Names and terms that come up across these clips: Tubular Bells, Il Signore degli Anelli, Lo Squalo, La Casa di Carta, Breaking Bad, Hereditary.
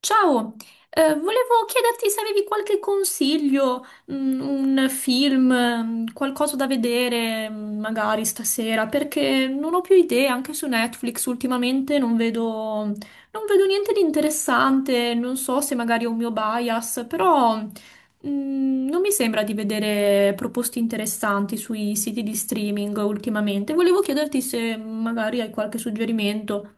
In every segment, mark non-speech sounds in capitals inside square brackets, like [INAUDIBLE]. Ciao, volevo chiederti se avevi qualche consiglio, un film, qualcosa da vedere, magari stasera, perché non ho più idee, anche su Netflix ultimamente non vedo niente di interessante, non so se magari è un mio bias, però, non mi sembra di vedere proposte interessanti sui siti di streaming ultimamente. Volevo chiederti se magari hai qualche suggerimento.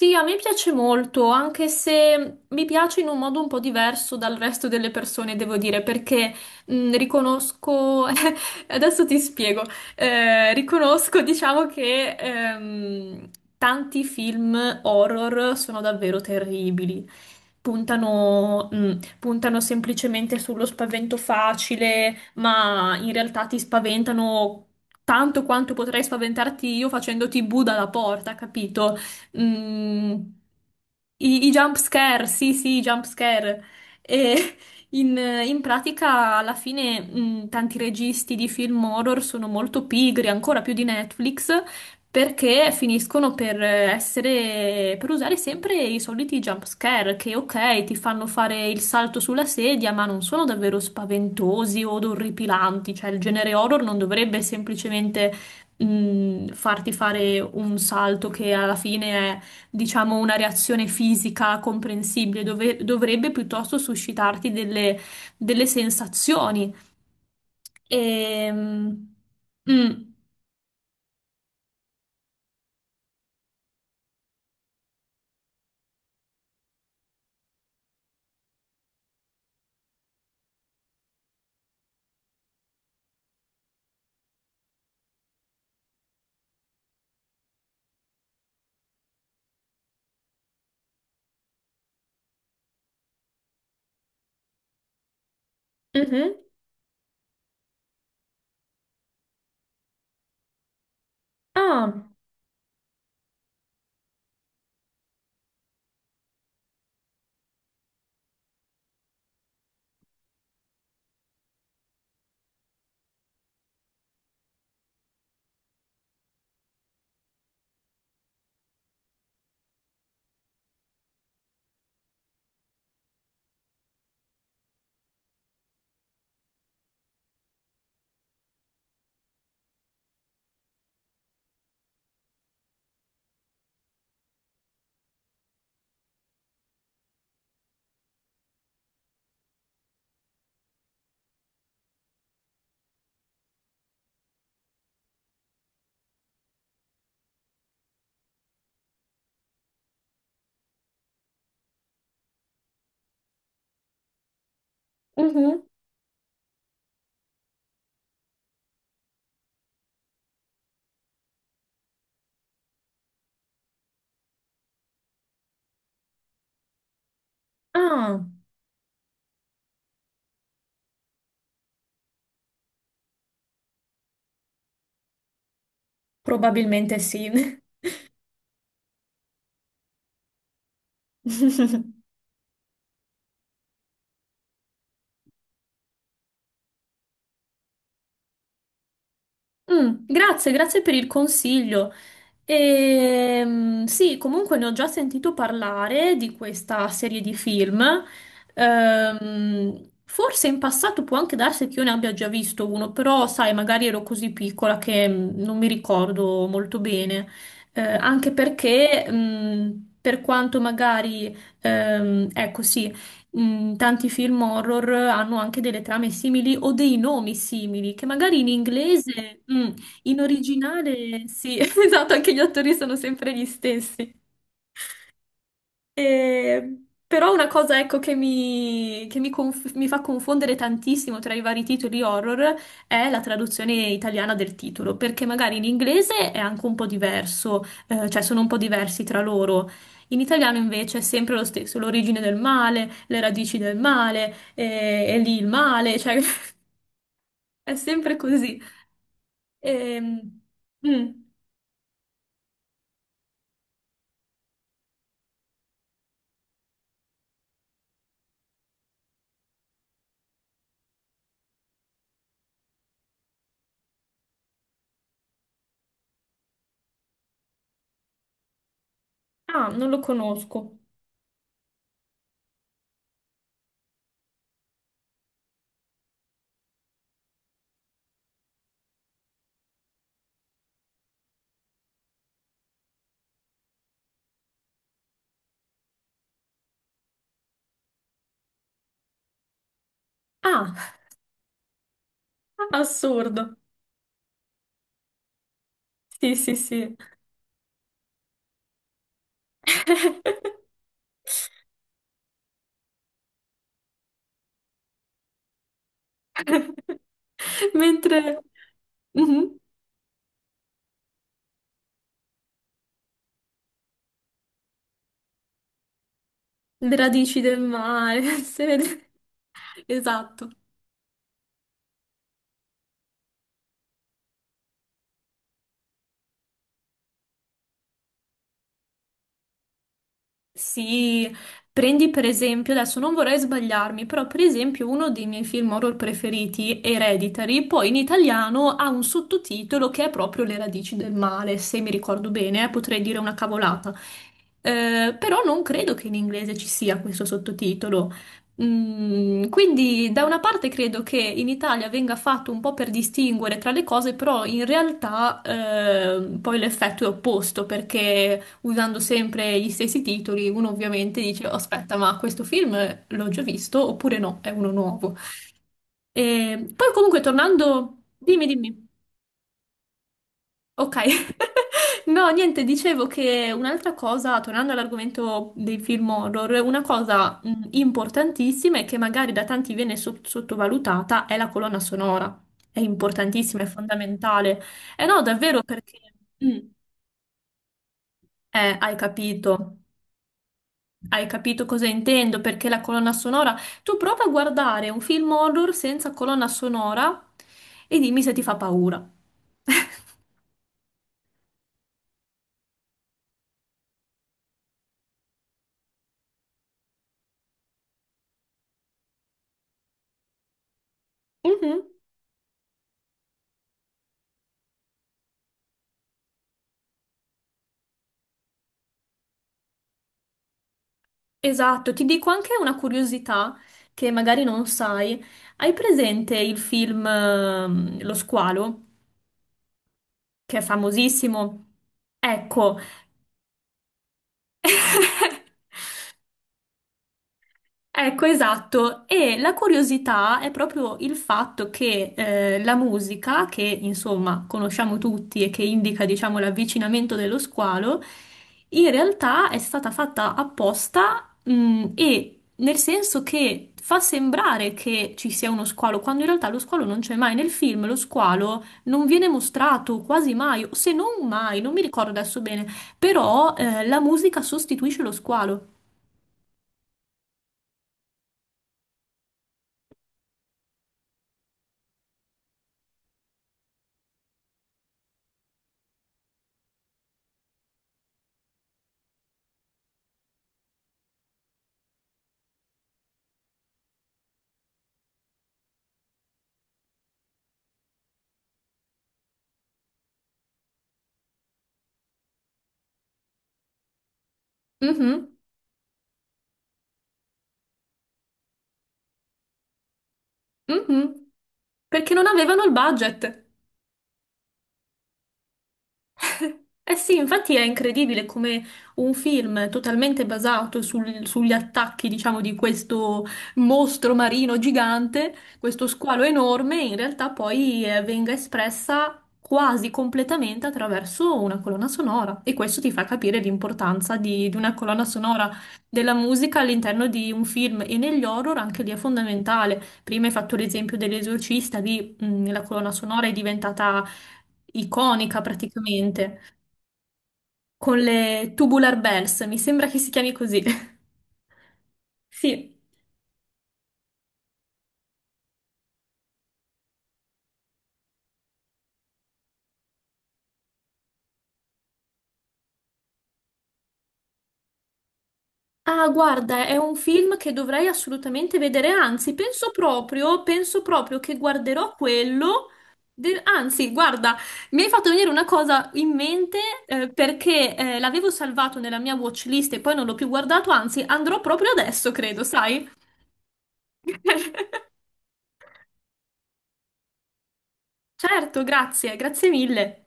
Sì, a me piace molto, anche se mi piace in un modo un po' diverso dal resto delle persone, devo dire, perché riconosco, [LAUGHS] adesso ti spiego. Riconosco, diciamo che tanti film horror sono davvero terribili. Puntano semplicemente sullo spavento facile, ma in realtà ti spaventano tanto quanto potrei spaventarti io facendoti bu dalla porta, capito? Mm, i jump scare, sì, sì, i jump scare. E [LAUGHS] in pratica, alla fine, tanti registi di film horror sono molto pigri, ancora più di Netflix, perché finiscono per usare sempre i soliti jump scare, che ok, ti fanno fare il salto sulla sedia, ma non sono davvero spaventosi o orripilanti. Cioè, il genere horror non dovrebbe semplicemente farti fare un salto che alla fine è, diciamo, una reazione fisica comprensibile, dovrebbe piuttosto suscitarti delle sensazioni. Ehm, mm, mhm. Ah, mhm, ah, probabilmente sì. [LAUGHS] Grazie, grazie per il consiglio. Sì, comunque ne ho già sentito parlare di questa serie di film. Forse in passato può anche darsi che io ne abbia già visto uno, però sai, magari ero così piccola che non mi ricordo molto bene. Anche perché, per quanto magari, ecco sì, tanti film horror hanno anche delle trame simili o dei nomi simili, che magari in inglese, in originale, sì, [LAUGHS] esatto, anche gli attori sono sempre gli stessi. E- Però una cosa, ecco, che mi, che mi fa confondere tantissimo tra i vari titoli horror è la traduzione italiana del titolo, perché magari in inglese è anche un po' diverso, cioè sono un po' diversi tra loro. In italiano invece è sempre lo stesso, l'origine del male, le radici del male, e lì il male, cioè [LAUGHS] è sempre così. Ehm, mm. Ah, non lo conosco. Ah, [LAUGHS] assurdo. Sì, sì, sì. [LAUGHS] Mentre Mhm. Le radici del mare, [LAUGHS] esatto. Sì, prendi per esempio, adesso non vorrei sbagliarmi, però per esempio uno dei miei film horror preferiti, Hereditary, poi in italiano ha un sottotitolo che è proprio Le radici del male, se mi ricordo bene, potrei dire una cavolata. Però non credo che in inglese ci sia questo sottotitolo. Quindi da una parte credo che in Italia venga fatto un po' per distinguere tra le cose, però in realtà poi l'effetto è opposto perché usando sempre gli stessi titoli, uno ovviamente dice: "Oh, aspetta, ma questo film l'ho già visto oppure no, è uno nuovo?" E poi comunque tornando, dimmi, dimmi. Ok. [LAUGHS] No, niente, dicevo che un'altra cosa, tornando all'argomento dei film horror, una cosa importantissima e che magari da tanti viene sottovalutata è la colonna sonora. È importantissima, è fondamentale. Eh no, davvero perché mm, hai capito. Hai capito cosa intendo? Perché la colonna sonora. Tu prova a guardare un film horror senza colonna sonora e dimmi se ti fa paura. [LAUGHS] Mhm. Esatto, ti dico anche una curiosità che magari non sai. Hai presente il film Lo Squalo, che è famosissimo? Ecco. [LAUGHS] Ecco, esatto. E la curiosità è proprio il fatto che la musica, che insomma conosciamo tutti e che indica, diciamo, l'avvicinamento dello squalo, in realtà è stata fatta apposta, e nel senso che fa sembrare che ci sia uno squalo, quando in realtà lo squalo non c'è mai. Nel film lo squalo non viene mostrato quasi mai, o se non mai, non mi ricordo adesso bene, però la musica sostituisce lo squalo. Mhm, mhm. Perché non avevano il budget. [LAUGHS] Eh sì, infatti è incredibile come un film totalmente basato sugli attacchi, diciamo, di questo mostro marino gigante, questo squalo enorme, in realtà poi venga espressa quasi completamente attraverso una colonna sonora. E questo ti fa capire l'importanza di una colonna sonora della musica all'interno di un film, e negli horror anche lì è fondamentale. Prima hai fatto l'esempio dell'esorcista, lì la colonna sonora è diventata iconica praticamente, con le Tubular Bells, mi sembra che si chiami così. [LAUGHS] Sì. Ah, guarda, è un film che dovrei assolutamente vedere, anzi, penso proprio che guarderò quello. Anzi, guarda, mi hai fatto venire una cosa in mente, perché l'avevo salvato nella mia watchlist e poi non l'ho più guardato, anzi, andrò proprio adesso, credo, sai? [LAUGHS] Certo, grazie, grazie mille.